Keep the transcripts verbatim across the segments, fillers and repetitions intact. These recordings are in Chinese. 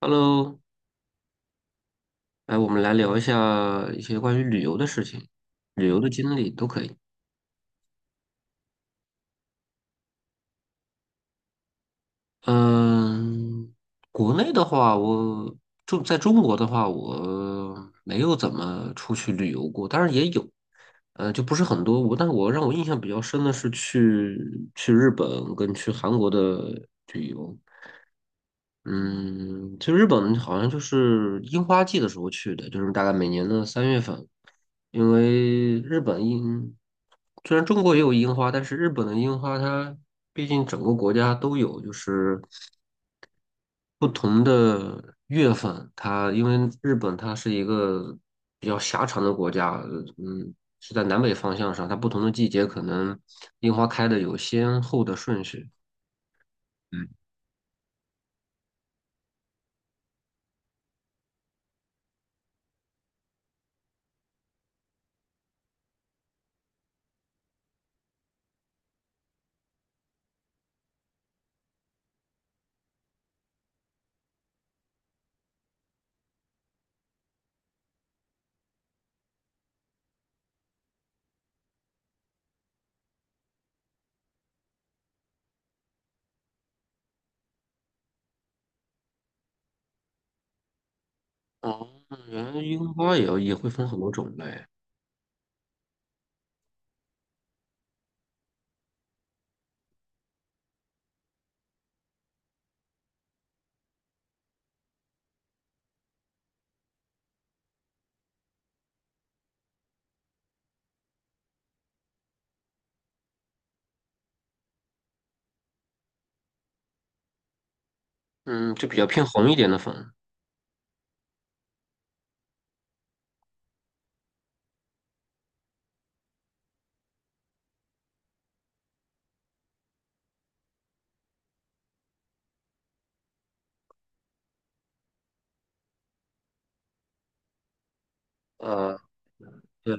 Hello，来，我们来聊一下一些关于旅游的事情，旅游的经历都可以。嗯，国内的话，我中在中国的话，我没有怎么出去旅游过，当然也有，呃，就不是很多。我，但是我让我印象比较深的是去去日本跟去韩国的旅游。嗯，其实日本好像就是樱花季的时候去的，就是大概每年的三月份，因为日本樱，虽然中国也有樱花，但是日本的樱花它毕竟整个国家都有，就是不同的月份，它因为日本它是一个比较狭长的国家，嗯，是在南北方向上，它不同的季节可能樱花开的有先后的顺序。嗯。哦，原来樱花也要也会分很多种类。嗯，就比较偏红一点的粉。呃，对，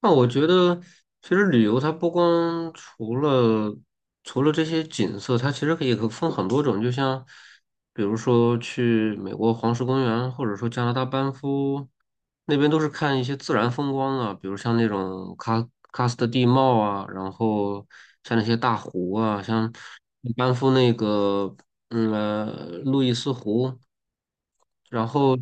那我觉得其实旅游它不光除了除了这些景色，它其实可以可分很多种，就像比如说去美国黄石公园，或者说加拿大班夫那边都是看一些自然风光啊，比如像那种喀喀斯特地貌啊，然后像那些大湖啊，像班夫那个嗯呃路易斯湖。然后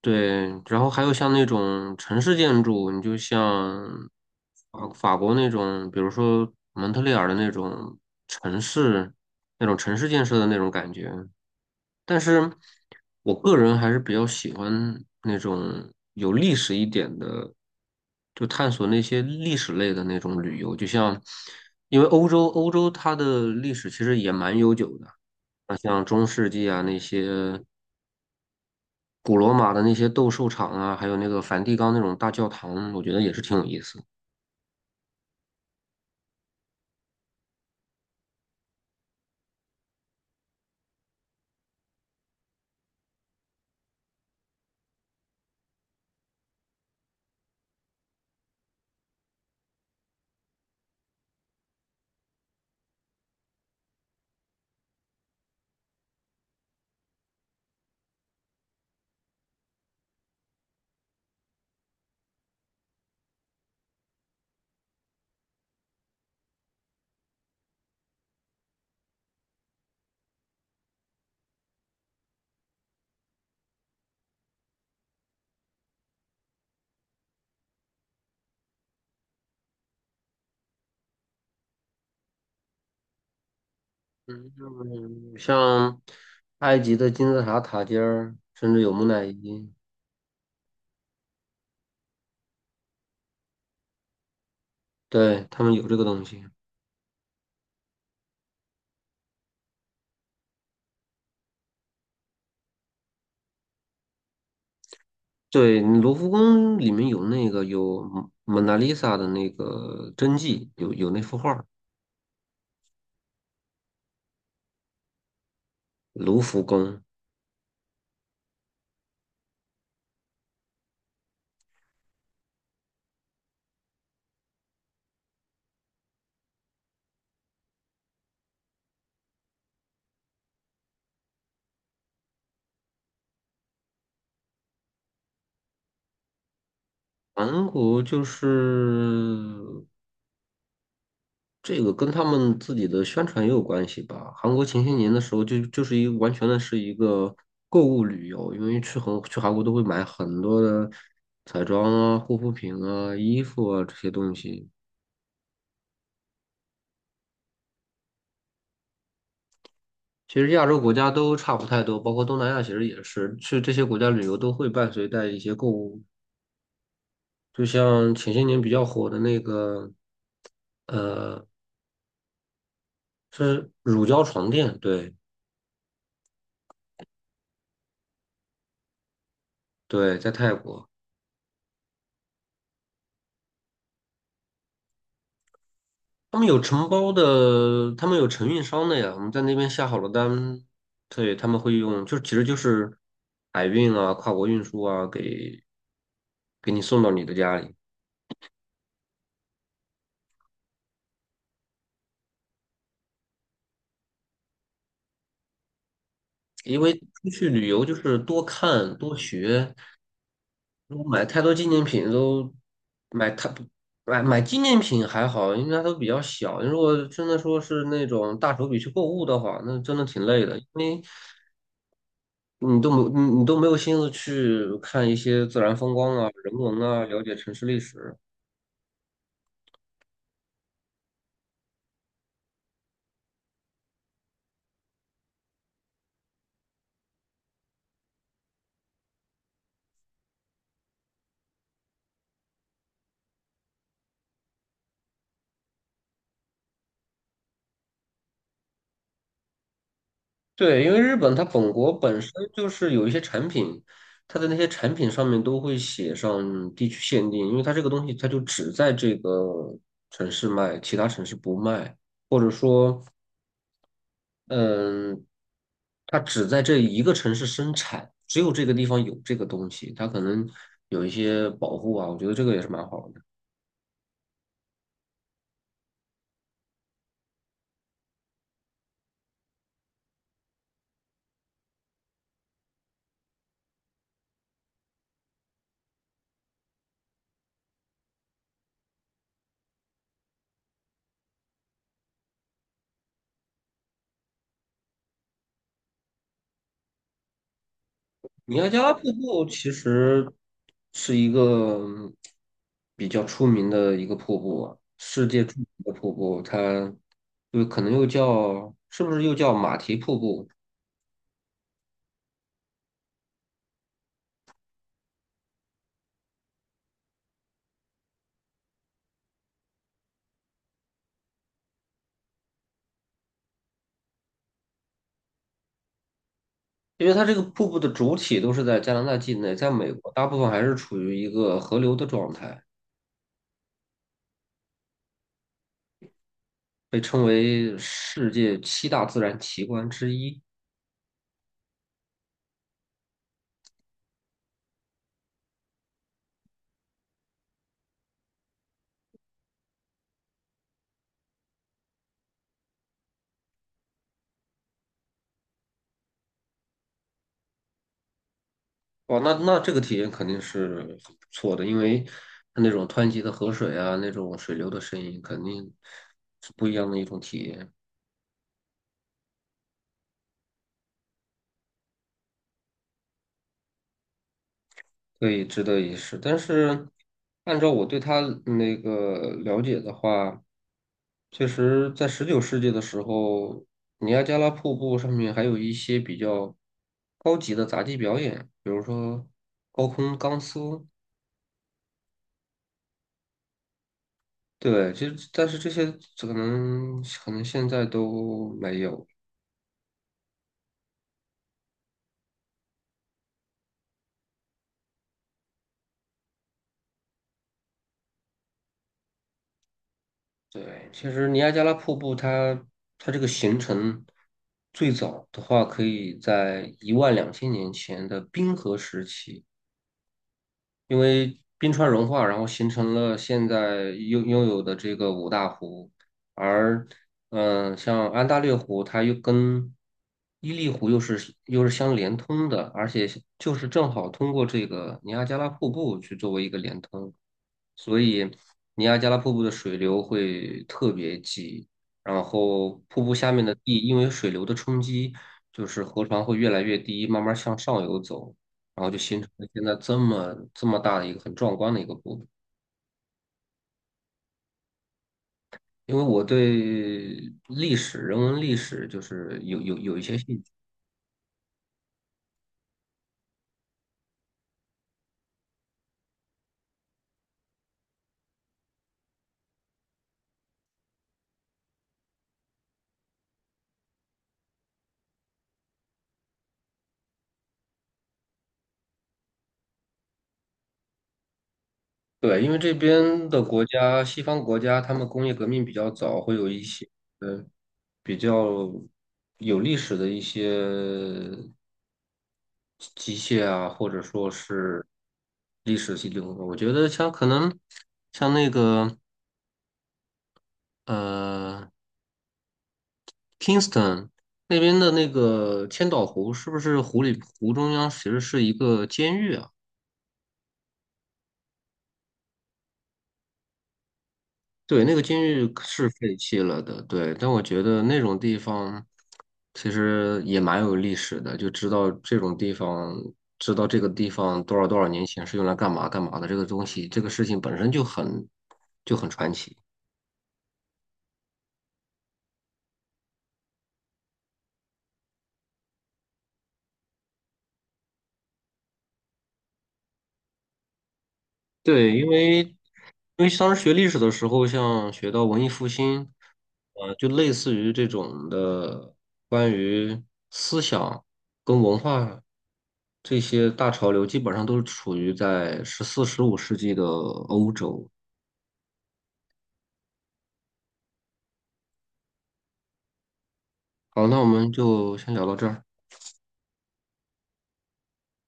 对，然后还有像那种城市建筑，你就像法法国那种，比如说蒙特利尔的那种城市，那种城市建设的那种感觉。但是我个人还是比较喜欢那种有历史一点的，就探索那些历史类的那种旅游。就像，因为欧洲欧洲它的历史其实也蛮悠久的，那像中世纪啊那些。古罗马的那些斗兽场啊，还有那个梵蒂冈那种大教堂，我觉得也是挺有意思。嗯，像埃及的金字塔塔尖儿，甚至有木乃伊，对，他们有这个东西。对，卢浮宫里面有那个有蒙娜丽莎的那个真迹，有有那幅画儿。卢浮宫。韩国就是这个跟他们自己的宣传也有关系吧。韩国前些年的时候就，就是一个完全的是一个购物旅游，因为去韩去韩国都会买很多的彩妆啊、护肤品啊、衣服啊这些东西。其实亚洲国家都差不太多，包括东南亚其实也是，去这些国家旅游都会伴随带一些购物。就像前些年比较火的那个呃，是乳胶床垫，对。对，在泰国。他们有承包的，他们有承运商的呀。我们在那边下好了单，对，他们会用，就其实就是海运啊、跨国运输啊，给给你送到你的家里。因为出去旅游就是多看多学，如果买太多纪念品都买太买买纪念品还好，应该都比较小。如果真的说是那种大手笔去购物的话，那真的挺累的，因为。你都没你你都没有心思去看一些自然风光啊、人文啊，了解城市历史。对，因为日本它本国本身就是有一些产品，它的那些产品上面都会写上地区限定，因为它这个东西它就只在这个城市卖，其他城市不卖，或者说，嗯，它只在这一个城市生产，只有这个地方有这个东西，它可能有一些保护啊，我觉得这个也是蛮好的。尼亚加拉瀑布其实是一个嗯比较出名的一个瀑布啊，世界著名的瀑布，它就可能又叫是不是又叫马蹄瀑布？因为它这个瀑布的主体都是在加拿大境内，在美国大部分还是处于一个河流的状态，被称为世界七大自然奇观之一。哦，那那这个体验肯定是很不错的，因为它那种湍急的河水啊，那种水流的声音，肯定是不一样的一种体验，所以值得一试。但是，按照我对它那个了解的话，确实在十九世纪的时候，尼亚加拉瀑布上面还有一些比较高级的杂技表演，比如说高空钢丝。对，其实但是这些可能可能现在都没有。对，其实尼亚加拉瀑布它它这个形成最早的话，可以在一万两千年前的冰河时期，因为冰川融化，然后形成了现在拥拥有的这个五大湖。而嗯、呃像安大略湖，它又跟伊利湖又是又是相连通的，而且就是正好通过这个尼亚加拉瀑布去作为一个连通。所以尼亚加拉瀑布的水流会特别急，然后瀑布下面的地因为水流的冲击，就是河床会越来越低，慢慢向上游走，然后就形成了现在这么这么大的一个很壮观的一个瀑布。因为我对历史、人文历史就是有有有一些兴趣，对，因为这边的国家，西方国家，他们工业革命比较早，会有一些呃比较有历史的一些机械啊，或者说是历史系流的。的我觉得像可能像那个呃 Kingston 那边的那个千岛湖，是不是湖里湖中央其实是一个监狱啊？对，那个监狱是废弃了的，对，但我觉得那种地方其实也蛮有历史的，就知道这种地方，知道这个地方多少多少年前是用来干嘛干嘛的，这个东西，这个事情本身就很就很传奇。对，因为因为当时学历史的时候，像学到文艺复兴，呃，就类似于这种的关于思想跟文化这些大潮流，基本上都是处于在十四、十五世纪的欧洲。好，那我们就先聊到这儿。